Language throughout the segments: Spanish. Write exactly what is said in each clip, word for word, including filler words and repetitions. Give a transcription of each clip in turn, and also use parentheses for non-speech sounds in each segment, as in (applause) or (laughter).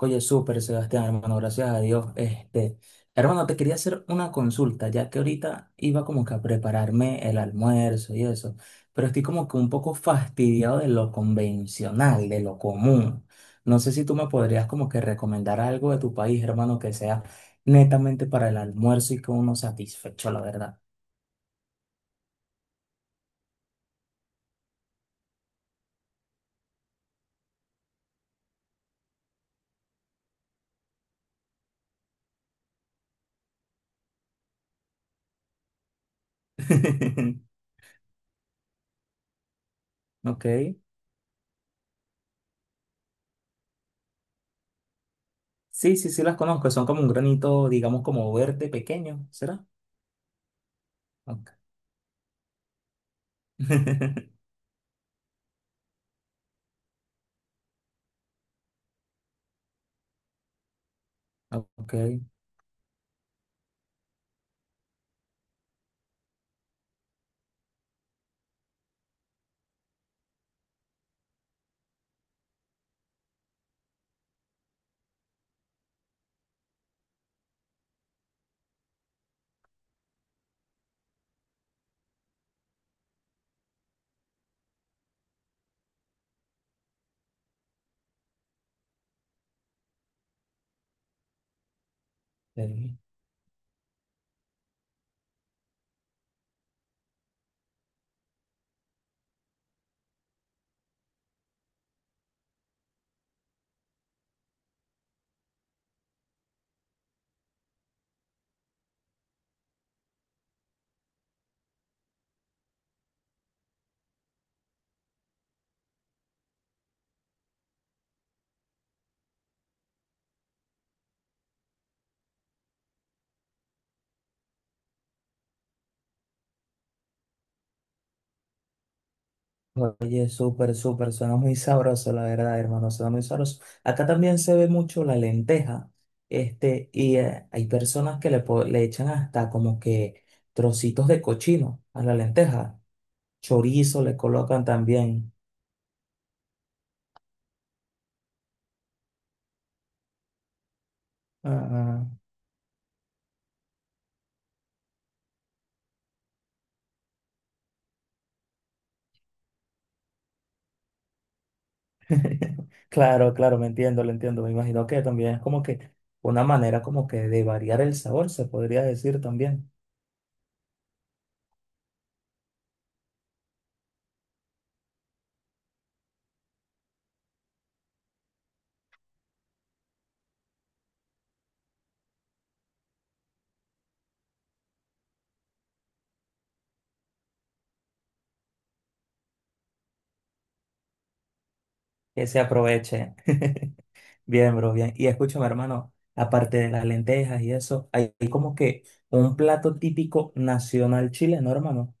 Oye, súper, Sebastián, hermano, gracias a Dios. Este, hermano, te quería hacer una consulta, ya que ahorita iba como que a prepararme el almuerzo y eso, pero estoy como que un poco fastidiado de lo convencional, de lo común. No sé si tú me podrías como que recomendar algo de tu país, hermano, que sea netamente para el almuerzo y que uno satisfecho, la verdad. (laughs) Ok. Sí, sí, sí las conozco. Son como un granito, digamos, como verde pequeño, ¿será? Ok. (laughs) Ok. Sí. Oye, súper, súper, suena muy sabroso, la verdad, hermano, suena muy sabroso. Acá también se ve mucho la lenteja, este, y eh, hay personas que le, po- le echan hasta como que trocitos de cochino a la lenteja, chorizo le colocan también. Ah, ah. (laughs) Claro, claro, me entiendo, lo entiendo, me imagino que también es como que una manera como que de variar el sabor, se podría decir también, que se aproveche. Bien, bro, bien. Y escúchame, hermano, aparte de las lentejas y eso, hay hay como que un plato típico nacional chileno, hermano.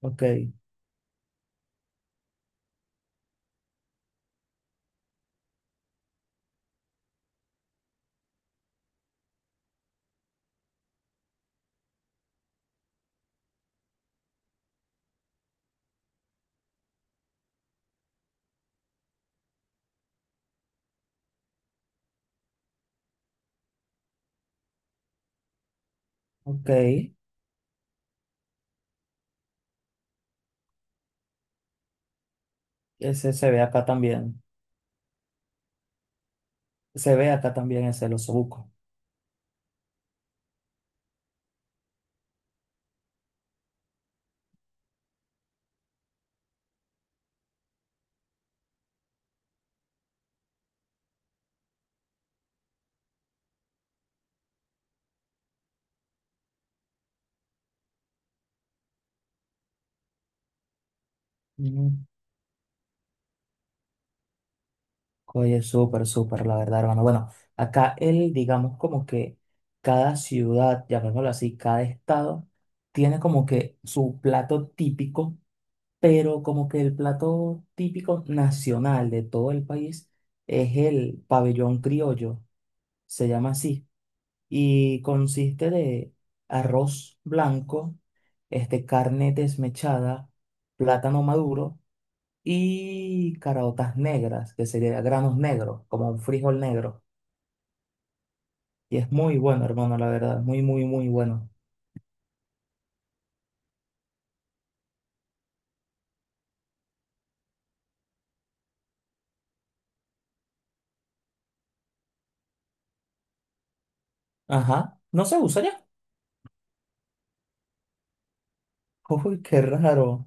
Ok, ok. Ese se ve acá también. Se ve acá también ese, el osobuco. Oye, súper, súper, la verdad, hermano. Bueno, acá él, digamos como que cada ciudad, llamémoslo así, cada estado, tiene como que su plato típico, pero como que el plato típico nacional de todo el país es el pabellón criollo, se llama así, y consiste de arroz blanco, este, carne desmechada, plátano maduro y caraotas negras, que sería granos negros, como un frijol negro. Y es muy bueno, hermano, la verdad, muy, muy, muy bueno. Ajá, ¿no se usa ya? (laughs) Uy, qué raro.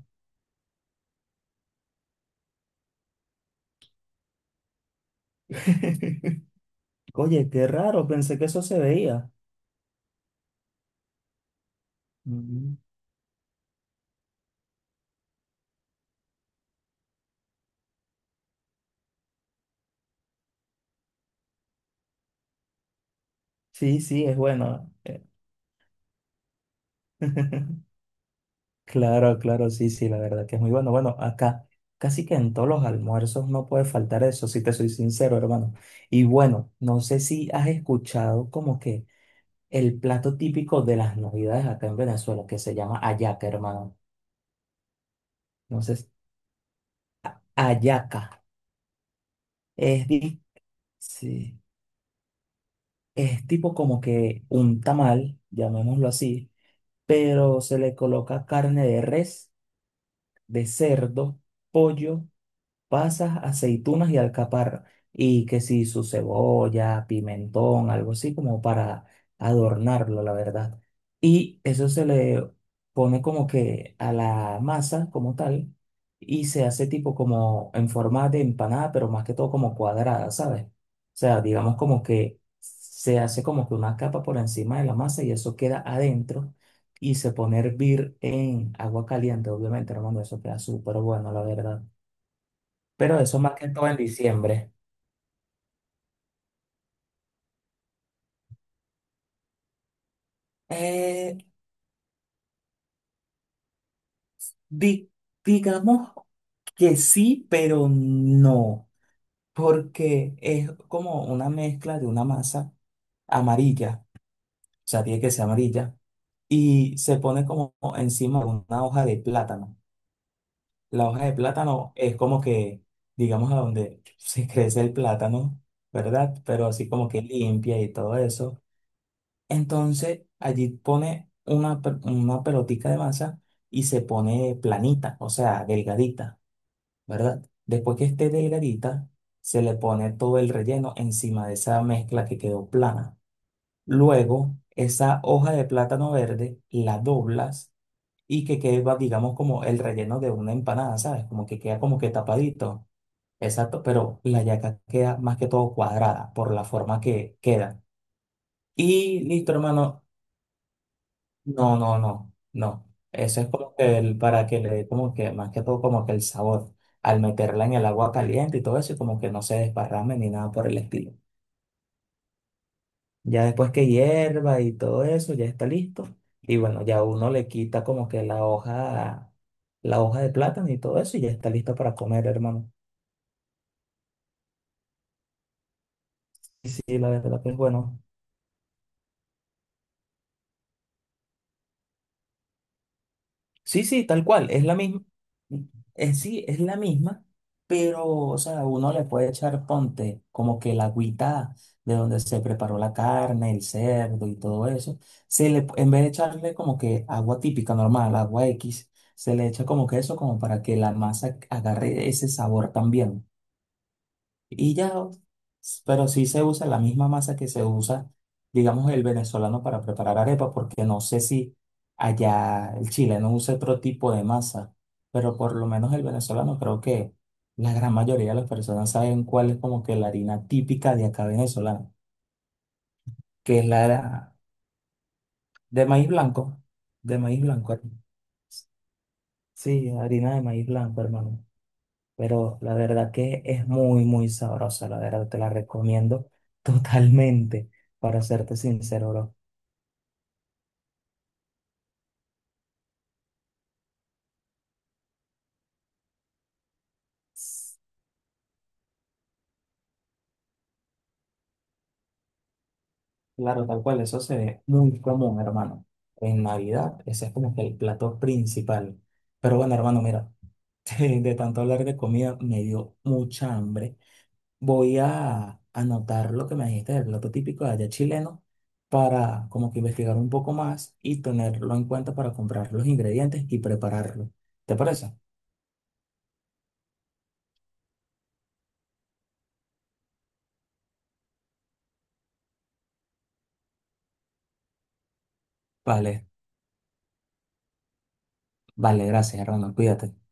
(laughs) Oye, qué raro, pensé que eso se veía. Mm. Sí, sí, es bueno. Eh, (laughs) Claro, claro, sí, sí, la verdad que es muy bueno. Bueno, acá casi que en todos los almuerzos no puede faltar eso, si te soy sincero, hermano. Y bueno, no sé si has escuchado como que el plato típico de las navidades acá en Venezuela, que se llama hallaca, hermano. Entonces, a- hallaca es, di- sí, es tipo como que un tamal, llamémoslo así, pero se le coloca carne de res, de cerdo, pollo, pasas, aceitunas y alcaparra. Y que si su cebolla, pimentón, algo así como para adornarlo, la verdad. Y eso se le pone como que a la masa como tal y se hace tipo como en forma de empanada, pero más que todo como cuadrada, ¿sabes? O sea, digamos como que se hace como que una capa por encima de la masa y eso queda adentro y se pone a hervir en agua caliente, obviamente, hermano, eso queda súper bueno, la verdad, pero eso más que todo en diciembre. Eh, di- digamos que sí, pero no, porque es como una mezcla de una masa amarilla, o sea, tiene que ser amarilla, y se pone como encima de una hoja de plátano. La hoja de plátano es como que, digamos, a donde (laughs) se crece el plátano, ¿verdad? Pero así como que limpia y todo eso. Entonces, allí pone una, pe- una pelotica de masa y se pone planita, o sea, delgadita, ¿verdad? Después que esté delgadita, se le pone todo el relleno encima de esa mezcla que quedó plana. Luego, esa hoja de plátano verde la doblas y que queda, digamos, como el relleno de una empanada, ¿sabes? Como que queda como que tapadito. Exacto, pero la yaca queda más que todo cuadrada por la forma que queda. Y listo, hermano. No, no, no, no. Eso es como que el, para que le dé como que, más que todo como que el sabor, al meterla en el agua caliente y todo eso, y como que no se desparrame ni nada por el estilo. Ya después que hierva y todo eso, ya está listo. Y bueno, ya uno le quita como que la hoja, la hoja de plátano y todo eso, y ya está listo para comer, hermano. Y sí, la verdad que es bueno. Sí, sí, tal cual, es la misma, es, sí, es la misma, pero, o sea, uno le puede echar, ponte, como que la agüita de donde se preparó la carne, el cerdo y todo eso, se le, en vez de echarle como que agua típica, normal, agua X, se le echa como que eso, como para que la masa agarre ese sabor también. Y ya, pero sí se usa la misma masa que se usa, digamos, el venezolano para preparar arepa, porque no sé si allá el chileno usa otro tipo de masa, pero por lo menos el venezolano creo que la gran mayoría de las personas saben cuál es como que la harina típica de acá venezolana, que es la de maíz blanco, de maíz blanco. Sí, harina de maíz blanco, hermano. Pero la verdad que es muy, muy sabrosa, la verdad te la recomiendo (laughs) totalmente, para serte sincero, bro. Claro, tal cual, eso se ve muy común, hermano. En Navidad, ese es como que el plato principal. Pero bueno, hermano, mira, (laughs) de de tanto hablar de comida me dio mucha hambre. Voy a anotar lo que me dijiste del plato típico de allá chileno para como que investigar un poco más y tenerlo en cuenta para comprar los ingredientes y prepararlo. ¿Te parece? Vale, vale, gracias, Hernando. Cuídate.